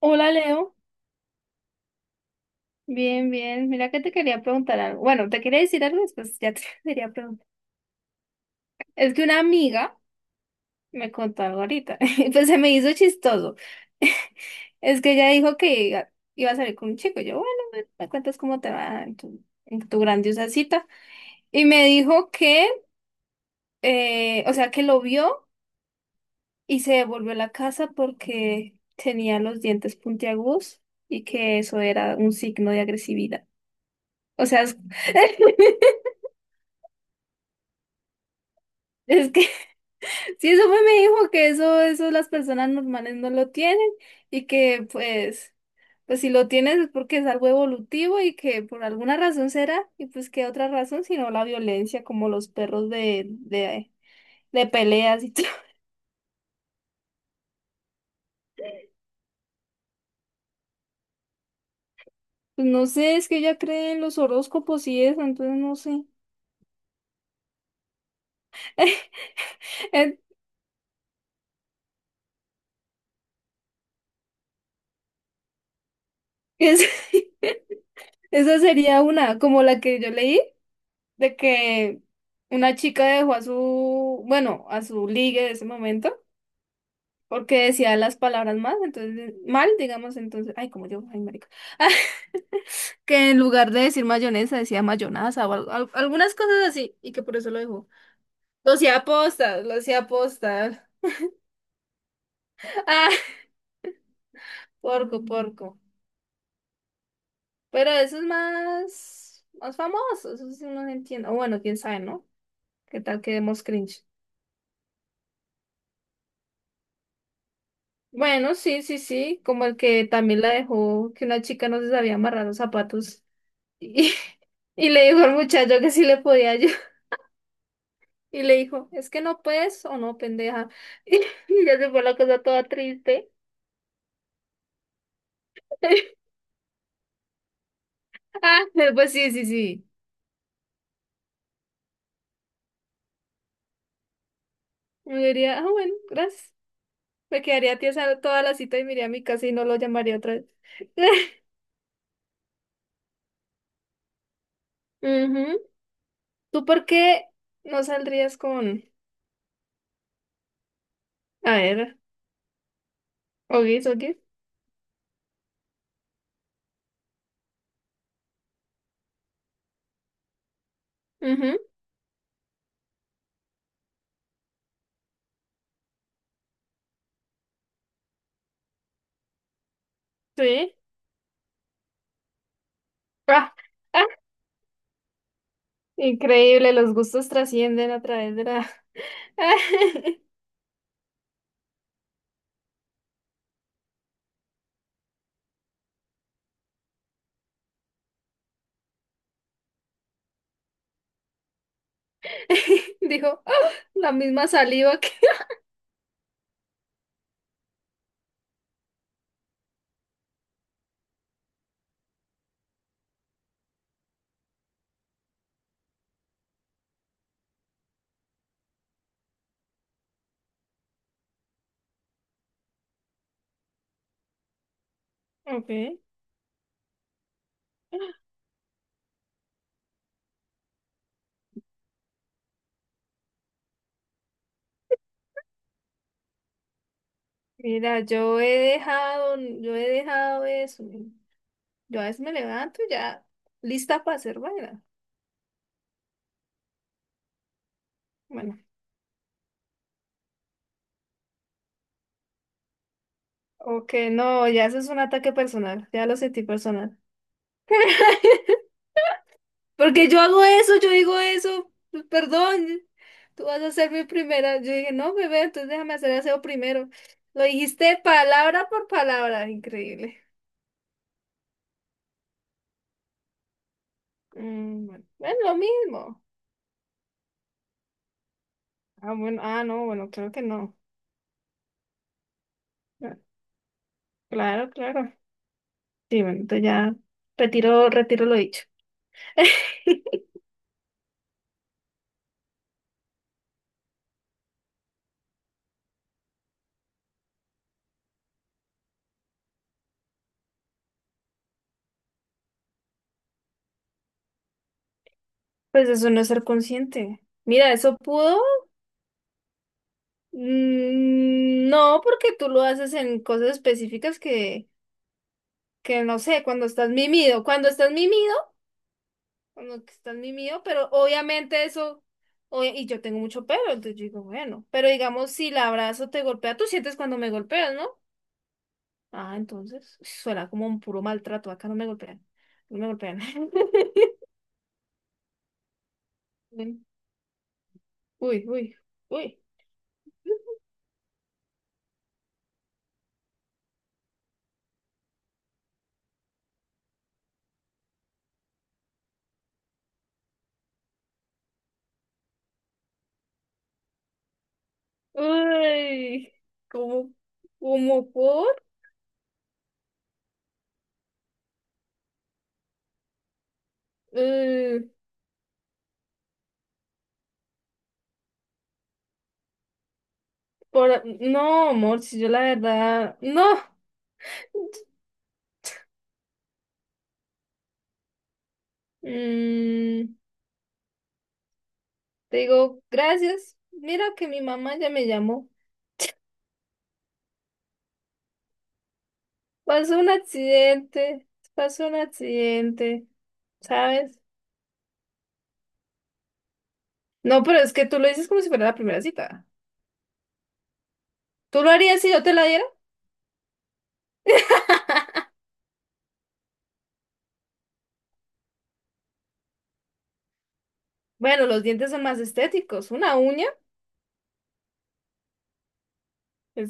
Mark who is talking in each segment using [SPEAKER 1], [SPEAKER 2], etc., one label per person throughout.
[SPEAKER 1] Hola Leo, bien, bien. Mira que te quería preguntar algo. Bueno, te quería decir algo, después ya te quería preguntar. Es que una amiga me contó algo ahorita, y pues se me hizo chistoso. Es que ella dijo que iba a salir con un chico. Yo, bueno, bueno, me cuentas cómo te va en tu grandiosa cita. Y me dijo que, o sea, que lo vio y se devolvió a la casa porque tenía los dientes puntiagudos y que eso era un signo de agresividad. O sea, es, es que sí, eso fue, me dijo que eso las personas normales no lo tienen y que pues, pues si lo tienes es porque es algo evolutivo y que por alguna razón será, y pues qué otra razón sino la violencia, como los perros de peleas y todo. Pues no sé, es que ella cree en los horóscopos y eso, entonces no sé. En- es- esa sería una, como la que yo leí, de que una chica dejó a su, bueno, a su ligue de ese momento. Porque decía las palabras más, entonces, mal, digamos, entonces, ay, como yo, ay, marica, que en lugar de decir mayonesa decía mayonaza o algunas cosas así, y que por eso lo dejó. Lo hacía aposta, lo hacía aposta. Ah, porco, porco. Pero eso es más, más famoso, eso sí no se entiende. O bueno, quién sabe, ¿no? ¿Qué tal que demos cringe? Bueno, sí, sí, sí, como el que también la dejó, que una chica no se sabía amarrar los zapatos y, y le dijo al muchacho que sí le podía ayudar. Y le dijo, es que no puedes o no, pendeja. Y ya se fue la cosa toda triste. Ah, pues sí, sí, sí. Me diría, ah, bueno, gracias. Me quedaría tiesa toda la cita y me iría a mi casa y no lo llamaría otra vez. Ujú. ¿Tú por qué no saldrías con...? A ver, Ogis, Ogis. Ujú, sí. Ah, ah, increíble, los gustos trascienden a través de la... Dijo, "Ah, la misma saliva que..." Ok. Mira, yo he dejado eso. Yo a veces me levanto y ya lista para hacer vaina. Bueno, ok, no, ya eso es un ataque personal, ya lo sentí personal. Porque yo hago eso, yo digo eso, pues, perdón, tú vas a ser mi primera. Yo dije, no, bebé, entonces déjame hacer el aseo primero. Lo dijiste palabra por palabra, increíble. Mm, bueno, es lo mismo. Ah, bueno, ah, no, bueno, creo que no. Ah, claro, claro. Sí, bueno, entonces ya, retiro, retiro lo dicho. Pues eso no es ser consciente. Mira, eso pudo. Mm, no, porque tú lo haces en cosas específicas que no sé, cuando estás mimido, pero obviamente eso, oye, y yo tengo mucho pelo, entonces yo digo, bueno, pero digamos, si el abrazo te golpea, tú sientes cuando me golpeas, ¿no? Ah, entonces, suena como un puro maltrato, acá no me golpean, no me golpean. Uy, uy, uy. Uy, ¿cómo, cómo por? Eh, ¿Por? No, amor, si yo la verdad, no. Mm, te digo, gracias. Mira que mi mamá ya me llamó. Pasó un accidente, pasó un accidente, ¿sabes? No, pero es que tú lo dices como si fuera la primera cita. ¿Tú lo harías si yo te la diera? Bueno, los dientes son más estéticos. Una uña,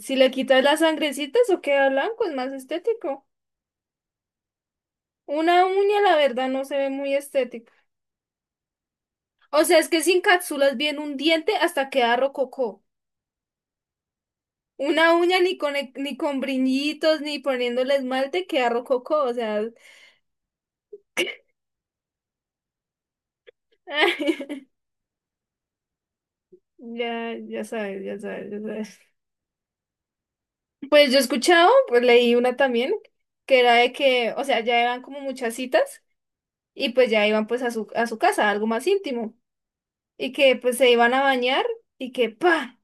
[SPEAKER 1] si le quitas las sangrecitas o queda blanco, es más estético. Una uña, la verdad, no se ve muy estética. O sea, es que sin cápsulas bien un diente hasta queda rococó. Una uña ni con, ni con brillitos, ni poniéndole esmalte, queda rococó. O sea, ya, ya sabes, ya sabes, ya sabes. Pues yo he escuchado, pues leí una también, que era de que, o sea, ya iban como muchas citas y pues ya iban pues a a su casa, algo más íntimo. Y que pues se iban a bañar y que, pa,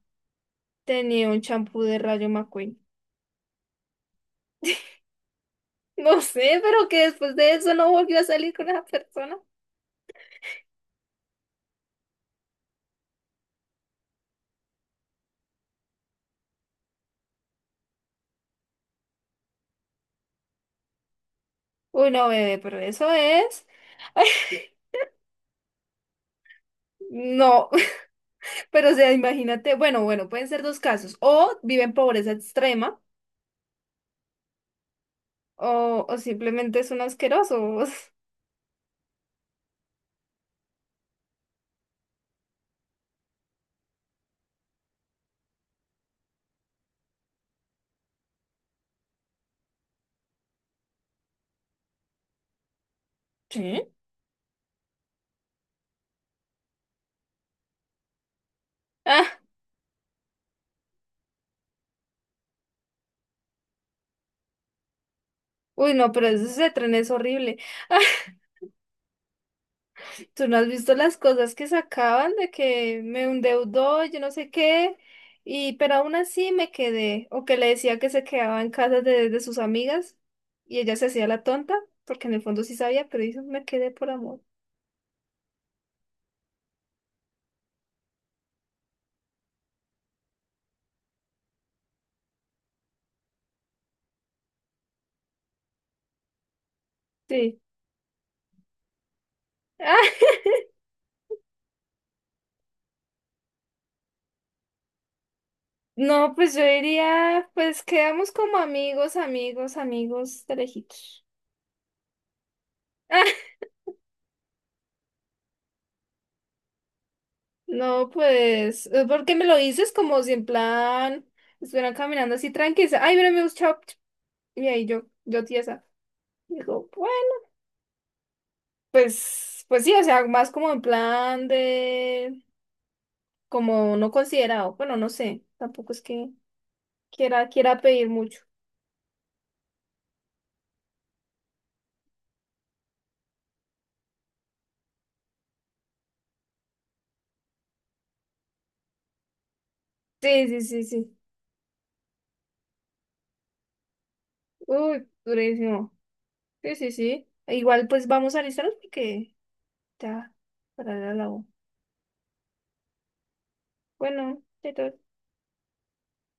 [SPEAKER 1] tenía un champú de Rayo McQueen. No sé, pero que después de eso no volvió a salir con esa persona. Uy, no, bebé, pero eso es. No, pero o sea, imagínate, bueno, bueno, pueden ser dos casos. O vive en pobreza extrema, o simplemente es un asqueroso. Sí. Ah, uy, no, pero ese tren es horrible. Tú no has visto las cosas que sacaban de que me endeudó, yo no sé qué, y pero aún así me quedé, o que le decía que se quedaba en casa de sus amigas y ella se hacía la tonta, porque en el fondo sí sabía, pero dijo, me quedé por amor. Sí. Ah, no, pues yo diría, pues quedamos como amigos, amigos, amigos de lejitos. Ah, no, pues, porque me lo dices como si en plan estuvieran caminando así tranquilos, ay, mira, me chao. Y ahí yo, yo tiesa. Dijo, bueno, pues, pues sí, o sea, más como en plan de, como no considerado, bueno, no sé, tampoco es que quiera pedir mucho. Sí, sí, sí, sí. Uy, durísimo. Sí, sí, sí. Igual pues vamos a alistarnos porque ya, para la U. Bueno, chao, chao.